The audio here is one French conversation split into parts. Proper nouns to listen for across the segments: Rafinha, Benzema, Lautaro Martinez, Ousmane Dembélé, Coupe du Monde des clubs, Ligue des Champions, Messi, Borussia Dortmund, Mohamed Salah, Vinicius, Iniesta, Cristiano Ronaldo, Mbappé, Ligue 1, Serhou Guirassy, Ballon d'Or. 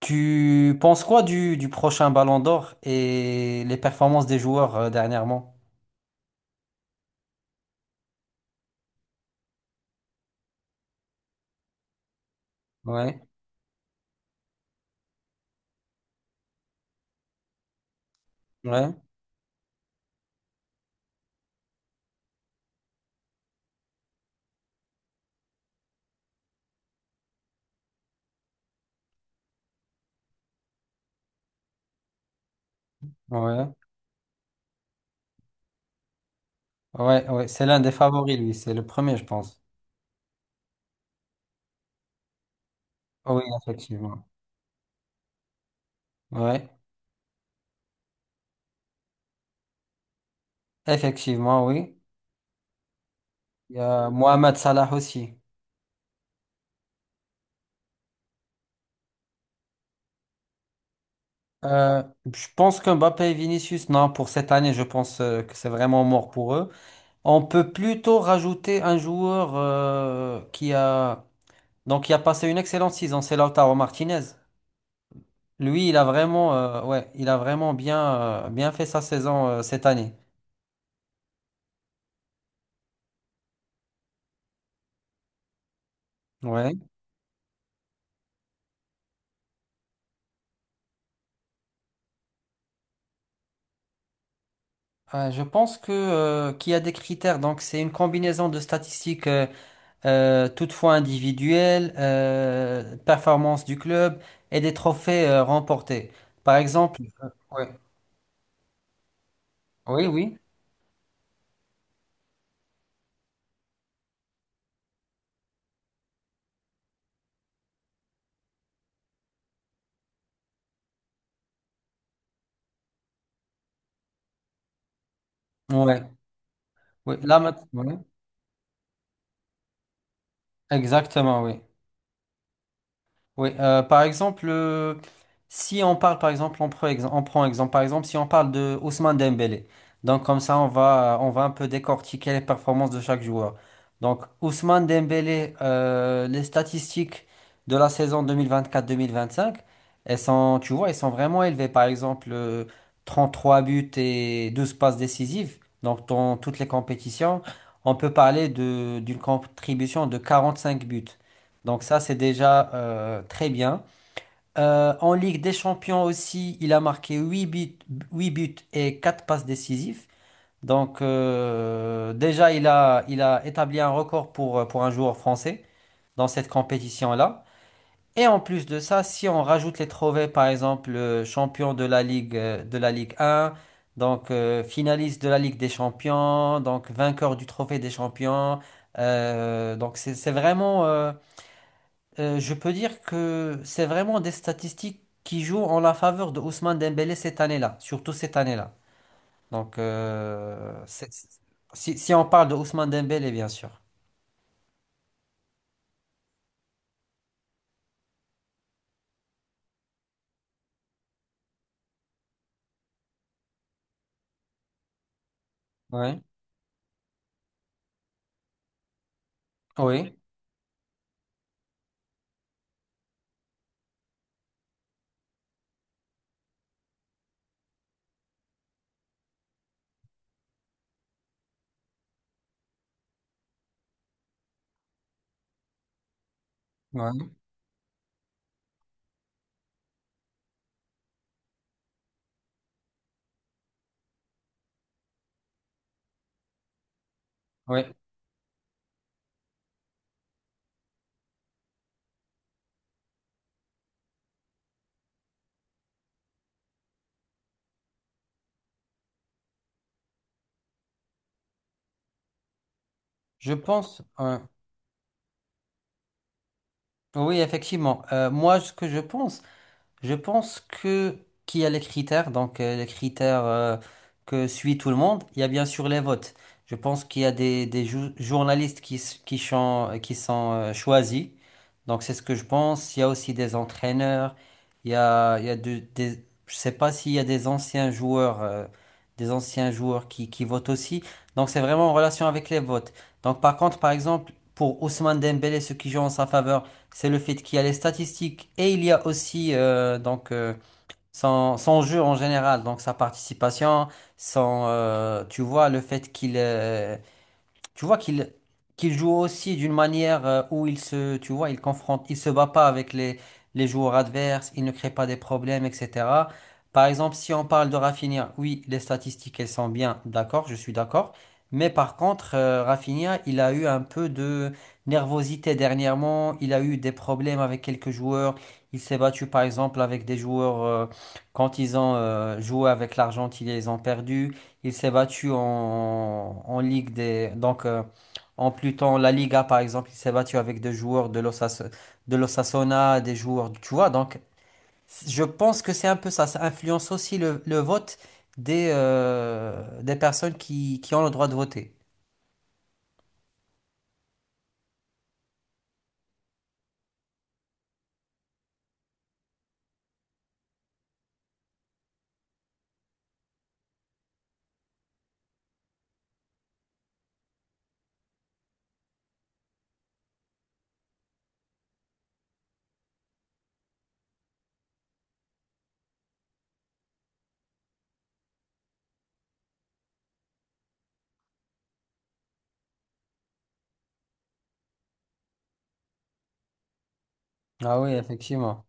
Tu penses quoi du prochain Ballon d'Or et les performances des joueurs dernièrement? Ouais, ouais, ouais, ouais, ouais. C'est l'un des favoris, lui. C'est le premier, je pense. Ah oui, effectivement. Ouais, effectivement, oui. Il y a Mohamed Salah aussi. Euh, je pense que Mbappé et Vinicius, non, pour cette année, je pense que c'est vraiment mort pour eux. On peut plutôt rajouter un joueur qui a donc qui a passé une excellente saison, c'est Lautaro Martinez. Lui, ouais, il a vraiment bien fait sa saison cette année. Ouais. Je pense que qu'il y a des critères. Donc, c'est une combinaison de statistiques, toutefois individuelles, performance du club et des trophées remportés. Par exemple, ouais. Oui, oui. Ouais. Oui. Là, maintenant, ouais. Exactement, oui. Oui, par exemple, si on parle, par exemple, on prend exemple, par exemple, si on parle de Ousmane Dembélé, donc comme ça, on va un peu décortiquer les performances de chaque joueur. Donc, Ousmane Dembélé, les statistiques de la saison deux mille vingt-quatre-vingt-cinq, elles sont, tu vois, elles sont vraiment élevées. Par exemple, trois buts et 12 passes décisives, donc dans toutes les compétitions, on peut parler d'une contribution de 45 buts. Donc ça, c'est déjà très bien. En Ligue des Champions aussi, il a marqué 8 buts et 4 passes décisives. Donc déjà, il a établi un record pour un joueur français dans cette compétition-là. Et en plus de ça, si on rajoute les trophées, par exemple, champion de la Ligue 1, donc finaliste de la Ligue des Champions, donc vainqueur du trophée des champions, donc c'est vraiment. Je peux dire que c'est vraiment des statistiques qui jouent en la faveur de Ousmane Dembélé cette année-là, surtout cette année-là. Donc, si on parle de Ousmane Dembélé, bien sûr. Oui, oui, oui, oui. Je pense, ouais. Oui, effectivement. Moi, ce que je pense, je pense que qu'il y a les critères, donc les critères que suit tout le monde. Il y a bien sûr les votes. Je pense qu'il y a des journalistes qui, s- qui, chan- qui sont choisis. Donc c'est ce que je pense. Il y a aussi des entraîneurs. Il y a des, je sais pas s'il y a des anciens joueurs qui votent aussi. Donc c'est vraiment en relation avec les votes. Donc par contre, par exemple, pour Ousmane Dembélé, ceux qui jouent en sa faveur. C'est le fait qu'il y a les statistiques et il y a aussi donc son jeu en général, donc sa participation, son, tu vois, le fait qu'il tu vois qu'il joue aussi d'une manière où il se, tu vois, il confronte, il se bat pas avec les joueurs adverses, il ne crée pas des problèmes, etc. Par exemple, si on parle de Rafinha, oui, les statistiques, elles sont bien, d'accord, je suis d'accord. Mais par contre, Rafinha, il a eu un peu de nervosité dernièrement, il a eu des problèmes avec quelques joueurs, il s'est battu par exemple avec des joueurs quand ils ont joué avec l'Argentine, ils les ont perdus. Il s'est battu en Ligue des. Donc, en Pluton, la Liga, par exemple, il s'est battu avec des joueurs de l'Osasuna, des joueurs. Tu vois, donc, je pense que c'est un peu ça. Ça influence aussi le vote des personnes qui ont le droit de voter. Ah oui, effectivement.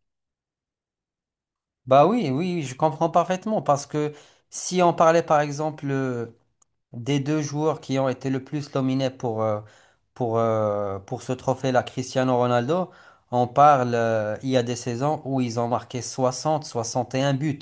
Bah oui, oui, je comprends parfaitement parce que si on parlait, par exemple, des deux joueurs qui ont été le plus nominés pour ce trophée-là, Cristiano Ronaldo, on parle, il y a des saisons où ils ont marqué 60, 61 buts.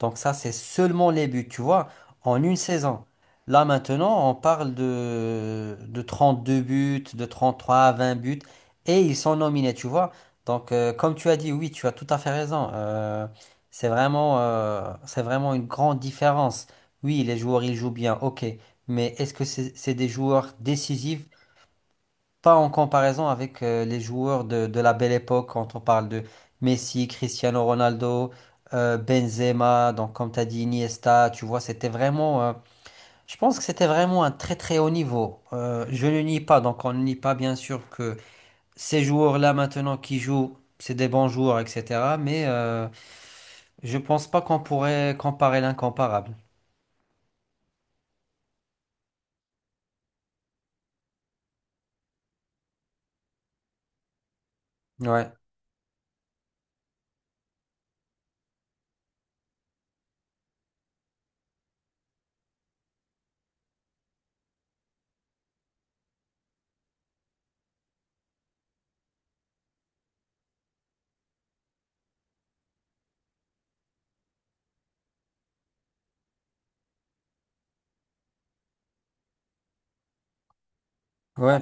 Donc ça, c'est seulement les buts, tu vois, en une saison. Là maintenant, on parle de 32 buts, de 33, 20 buts, et ils sont nominés, tu vois. Donc comme tu as dit, oui, tu as tout à fait raison. C'est vraiment une grande différence. Oui, les joueurs, ils jouent bien, ok, mais est-ce que c'est des joueurs décisifs? Pas en comparaison avec les joueurs de la belle époque, quand on parle de Messi, Cristiano Ronaldo, Benzema, donc comme tu as dit Iniesta, tu vois, c'était vraiment, je pense que c'était vraiment un très très haut niveau. Je ne nie pas, donc on ne nie pas bien sûr que ces joueurs-là maintenant qui jouent, c'est des bons joueurs, etc. Mais je pense pas qu'on pourrait comparer l'incomparable. Ouais, ouais,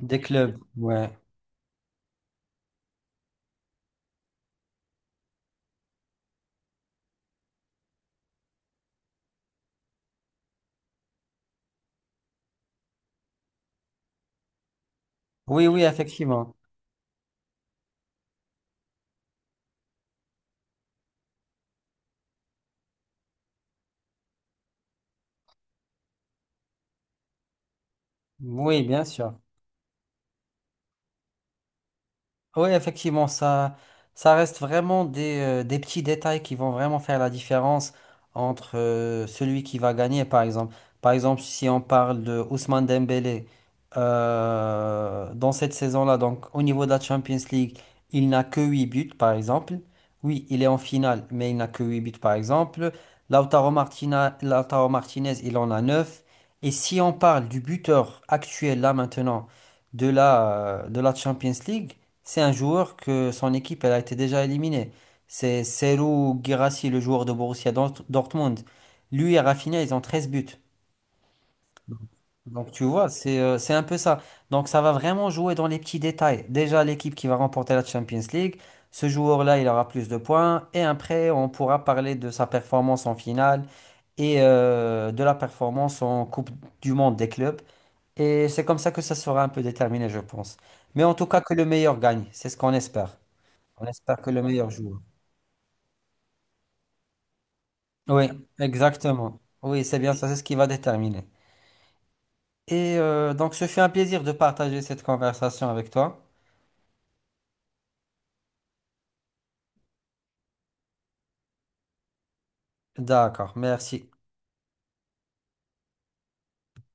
des clubs, ouais. Oui, oui, effectivement. Oui, bien sûr. Oui, effectivement, ça reste vraiment des petits détails qui vont vraiment faire la différence entre celui qui va gagner, par exemple. Par exemple, si on parle de Ousmane Dembélé, dans cette saison-là, donc au niveau de la Champions League, il n'a que 8 buts, par exemple. Oui, il est en finale, mais il n'a que 8 buts, par exemple. Lautaro Martinez, il en a 9. Et si on parle du buteur actuel, là maintenant, de la Champions League, c'est un joueur que son équipe elle a été déjà éliminée. C'est Serhou Guirassy, le joueur de Borussia Dortmund. Lui et Rafinha, ils ont 13 buts. Donc tu vois, c'est un peu ça. Donc ça va vraiment jouer dans les petits détails. Déjà, l'équipe qui va remporter la Champions League, ce joueur-là, il aura plus de points. Et après, on pourra parler de sa performance en finale et de la performance en Coupe du Monde des clubs. Et c'est comme ça que ça sera un peu déterminé, je pense. Mais en tout cas, que le meilleur gagne. C'est ce qu'on espère. On espère que le meilleur joue. Oui, exactement. Oui, c'est bien ça, c'est ce qui va déterminer. Et donc, ce fut un plaisir de partager cette conversation avec toi. D'accord, merci.